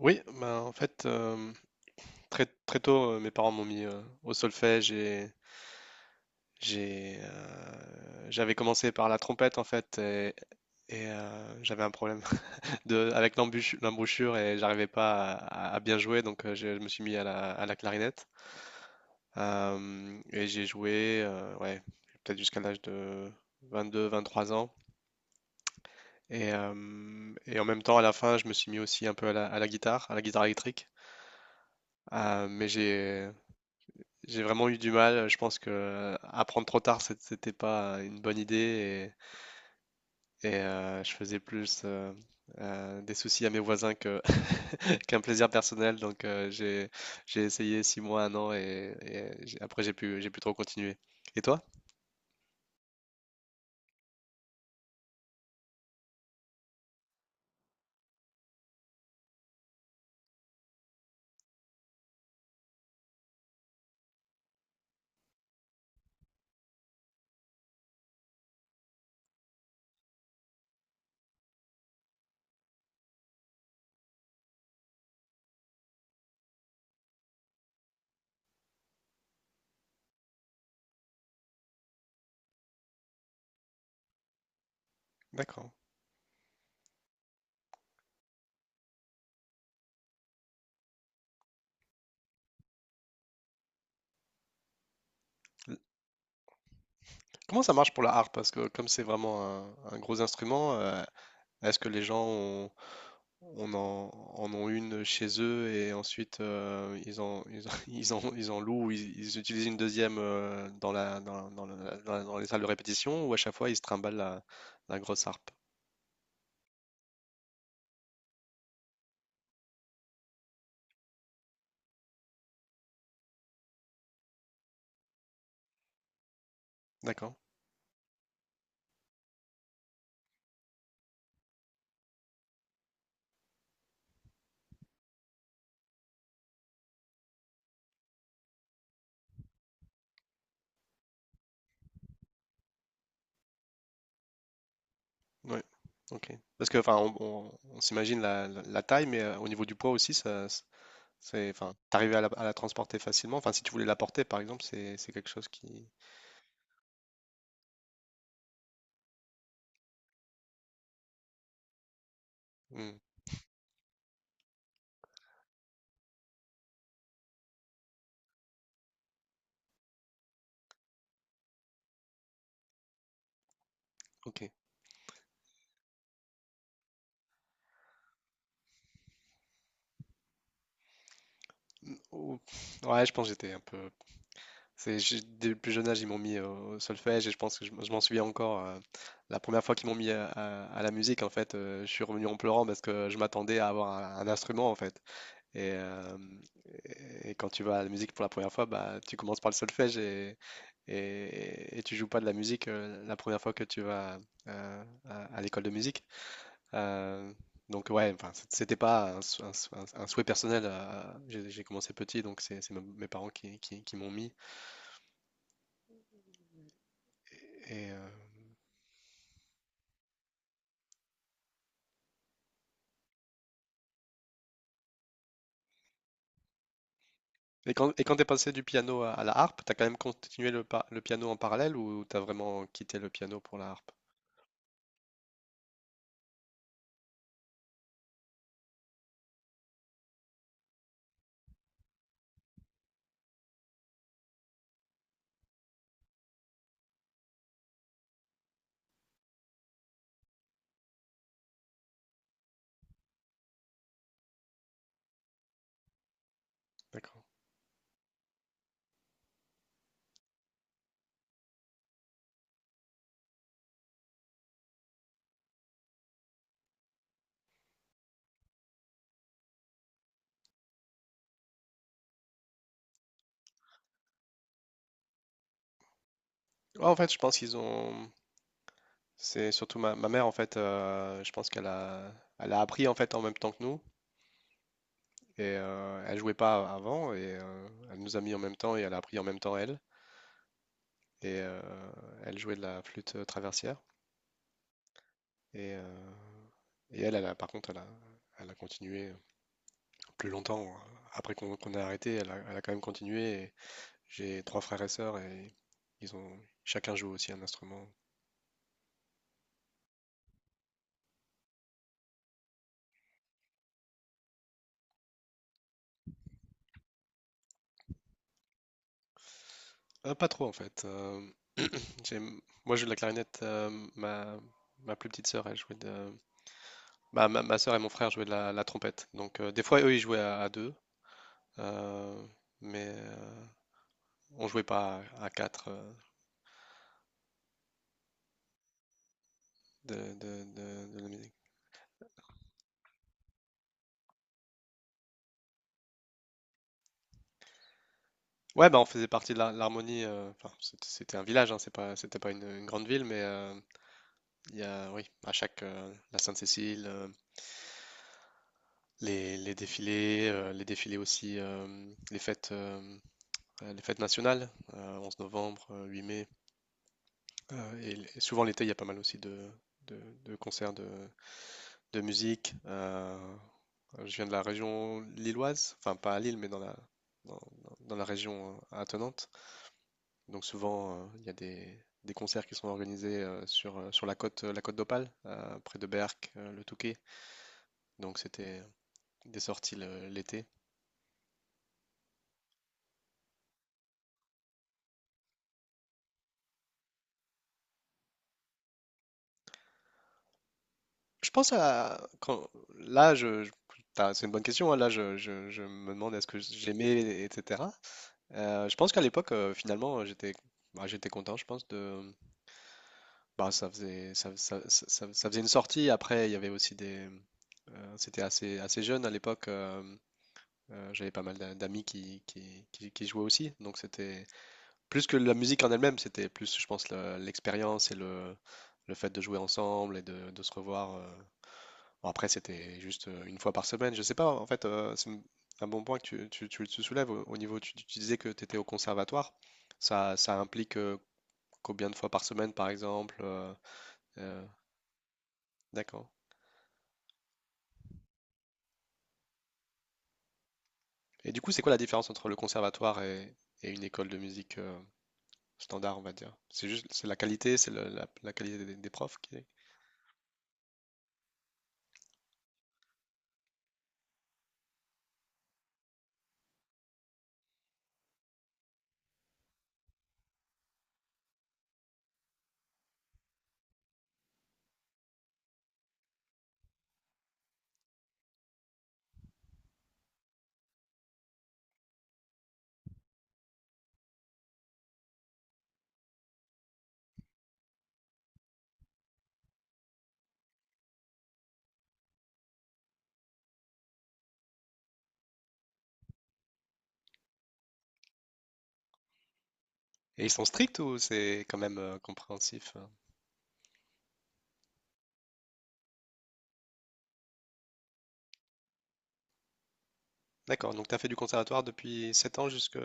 Oui, ben, en fait, très, très tôt, mes parents m'ont mis au solfège et j'avais commencé par la trompette en fait et, j'avais un problème avec l'embouchure et j'arrivais pas à bien jouer donc je me suis mis à la clarinette. Et j'ai joué ouais, peut-être jusqu'à l'âge de 22-23 ans et en même temps à la fin je me suis mis aussi un peu à la guitare électrique. Mais j'ai vraiment eu du mal. Je pense que apprendre trop tard, c'était pas une bonne idée et, je faisais plus des soucis à mes voisins que qu'un plaisir personnel. Donc j'ai essayé 6 mois, un an et après j'ai plus trop continuer. Et toi? D'accord. Comment ça marche pour la harpe? Parce que comme c'est vraiment un gros instrument, est-ce que les gens ont, on en, en ont une chez eux et ensuite ils en louent ou ils utilisent une deuxième dans les salles de répétition ou à chaque fois ils se trimballent la grosse harpe? D'accord. Oui. Ok. Parce que enfin, on s'imagine la taille, mais au niveau du poids aussi, ça, c'est, enfin, t'arrivais à la transporter facilement. Enfin, si tu voulais la porter, par exemple, c'est quelque chose qui. Hmm. Ok. ou- Ouais, je pense que j'étais un peu. Dès le plus jeune âge, ils m'ont mis au solfège et je pense que je m'en souviens encore. La première fois qu'ils m'ont mis à la musique, en fait, je suis revenu en pleurant parce que je m'attendais à avoir un instrument, en fait. Et, euh, et quand tu vas à la musique pour la première fois, bah, tu commences par le solfège et tu joues pas de la musique la première fois que tu vas à l'école de musique. Euh, donc ouais, enfin, c'était pas un souhait personnel. J'ai commencé petit, donc mes parents qui m'ont mis. Et, euh, et quand t'es passé du piano à la harpe, t'as quand même continué le piano en parallèle ou t'as vraiment quitté le piano pour la harpe? D'accord. Ouais, en fait, je pense qu'ils ont. C'est surtout ma mère en fait. Je pense elle a appris en fait en même temps que nous. Et elle jouait pas avant et elle nous a mis en même temps et elle a appris en même temps elle. Et euh, Elle jouait de la flûte traversière. Et, euh, et elle, elle a, par contre, elle a continué plus longtemps, hein. Après qu'on ait arrêté, elle a quand même continué. Et j'ai trois frères et sœurs et ils ont, chacun joue aussi un instrument. Pas trop en fait. J'ai- Moi, je joue de la clarinette. Ma, Ma plus petite sœur, elle jouait de. Bah, ma sœur et mon frère jouaient de la trompette. Donc des fois, eux, ils jouaient à deux. euh, mais euh, on jouait pas à quatre de la musique. Ouais, bah, on faisait partie de l'Harmonie. Enfin, c'était un village, hein, c'était pas une grande ville, mais il y a, oui, à chaque la Sainte-Cécile, les défilés aussi, les fêtes nationales, 11 novembre, 8 mai. Et souvent l'été, il y a pas mal aussi de, de concerts de musique. Je viens de la région lilloise, enfin pas à Lille, mais dans la région attenante. Donc souvent, il y a des concerts qui sont organisés sur la côte d'Opale, près de Berck, le Touquet. Donc c'était des sorties l'été. Je pense à quand là, je- t'as- c'est une bonne question, hein. Je me demande est-ce que j'aimais, etc. Je pense qu'à l'époque, finalement, j'étais bah, j'étais content. Je pense de bah, ça faisait ça faisait une sortie. Après, il y avait aussi des. C'était assez jeune à l'époque. J'avais pas mal d'amis qui jouaient aussi, donc c'était plus que la musique en elle-même, c'était plus, je pense, l'expérience et le fait de jouer ensemble et de se revoir. Bon, après, c'était juste une fois par semaine, je sais pas, en fait. Un bon point que tu soulèves au niveau, tu disais que tu étais au conservatoire, ça implique combien de fois par semaine, par exemple, euh, d'accord. Et du coup, c'est quoi la différence entre le conservatoire et une école de musique standard, on va dire? C'est juste, c'est la qualité, c'est la qualité des profs qui est-. Et ils sont stricts ou c'est quand même compréhensif? D'accord, donc tu as fait du conservatoire depuis 7 ans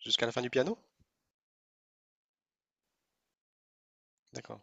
jusqu'à la fin du piano? D'accord.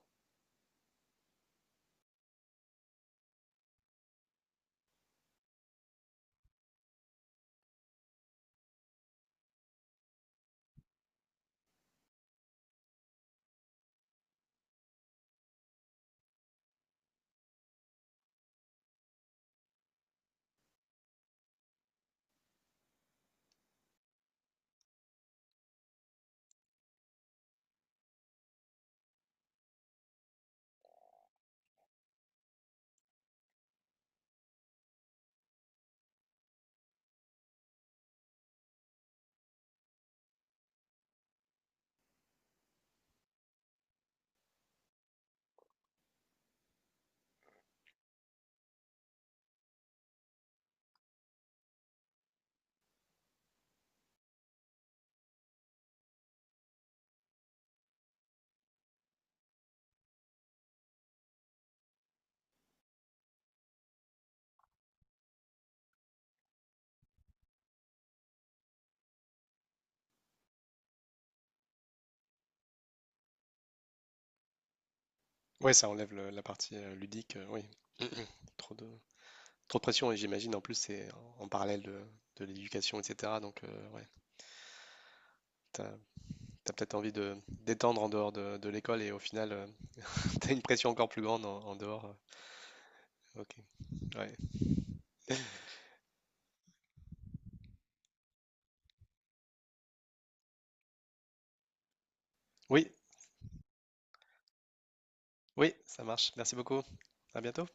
Ouais, ça enlève la partie ludique, oui. Trop de, trop de pression et j'imagine en plus c'est en parallèle de l'éducation, etc. Donc ouais, t'as, t'as peut-être envie de d'étendre en dehors de l'école et au final t'as une pression encore plus grande en dehors. Ok, ouais. Oui, oui, ça marche. Merci beaucoup. À bientôt.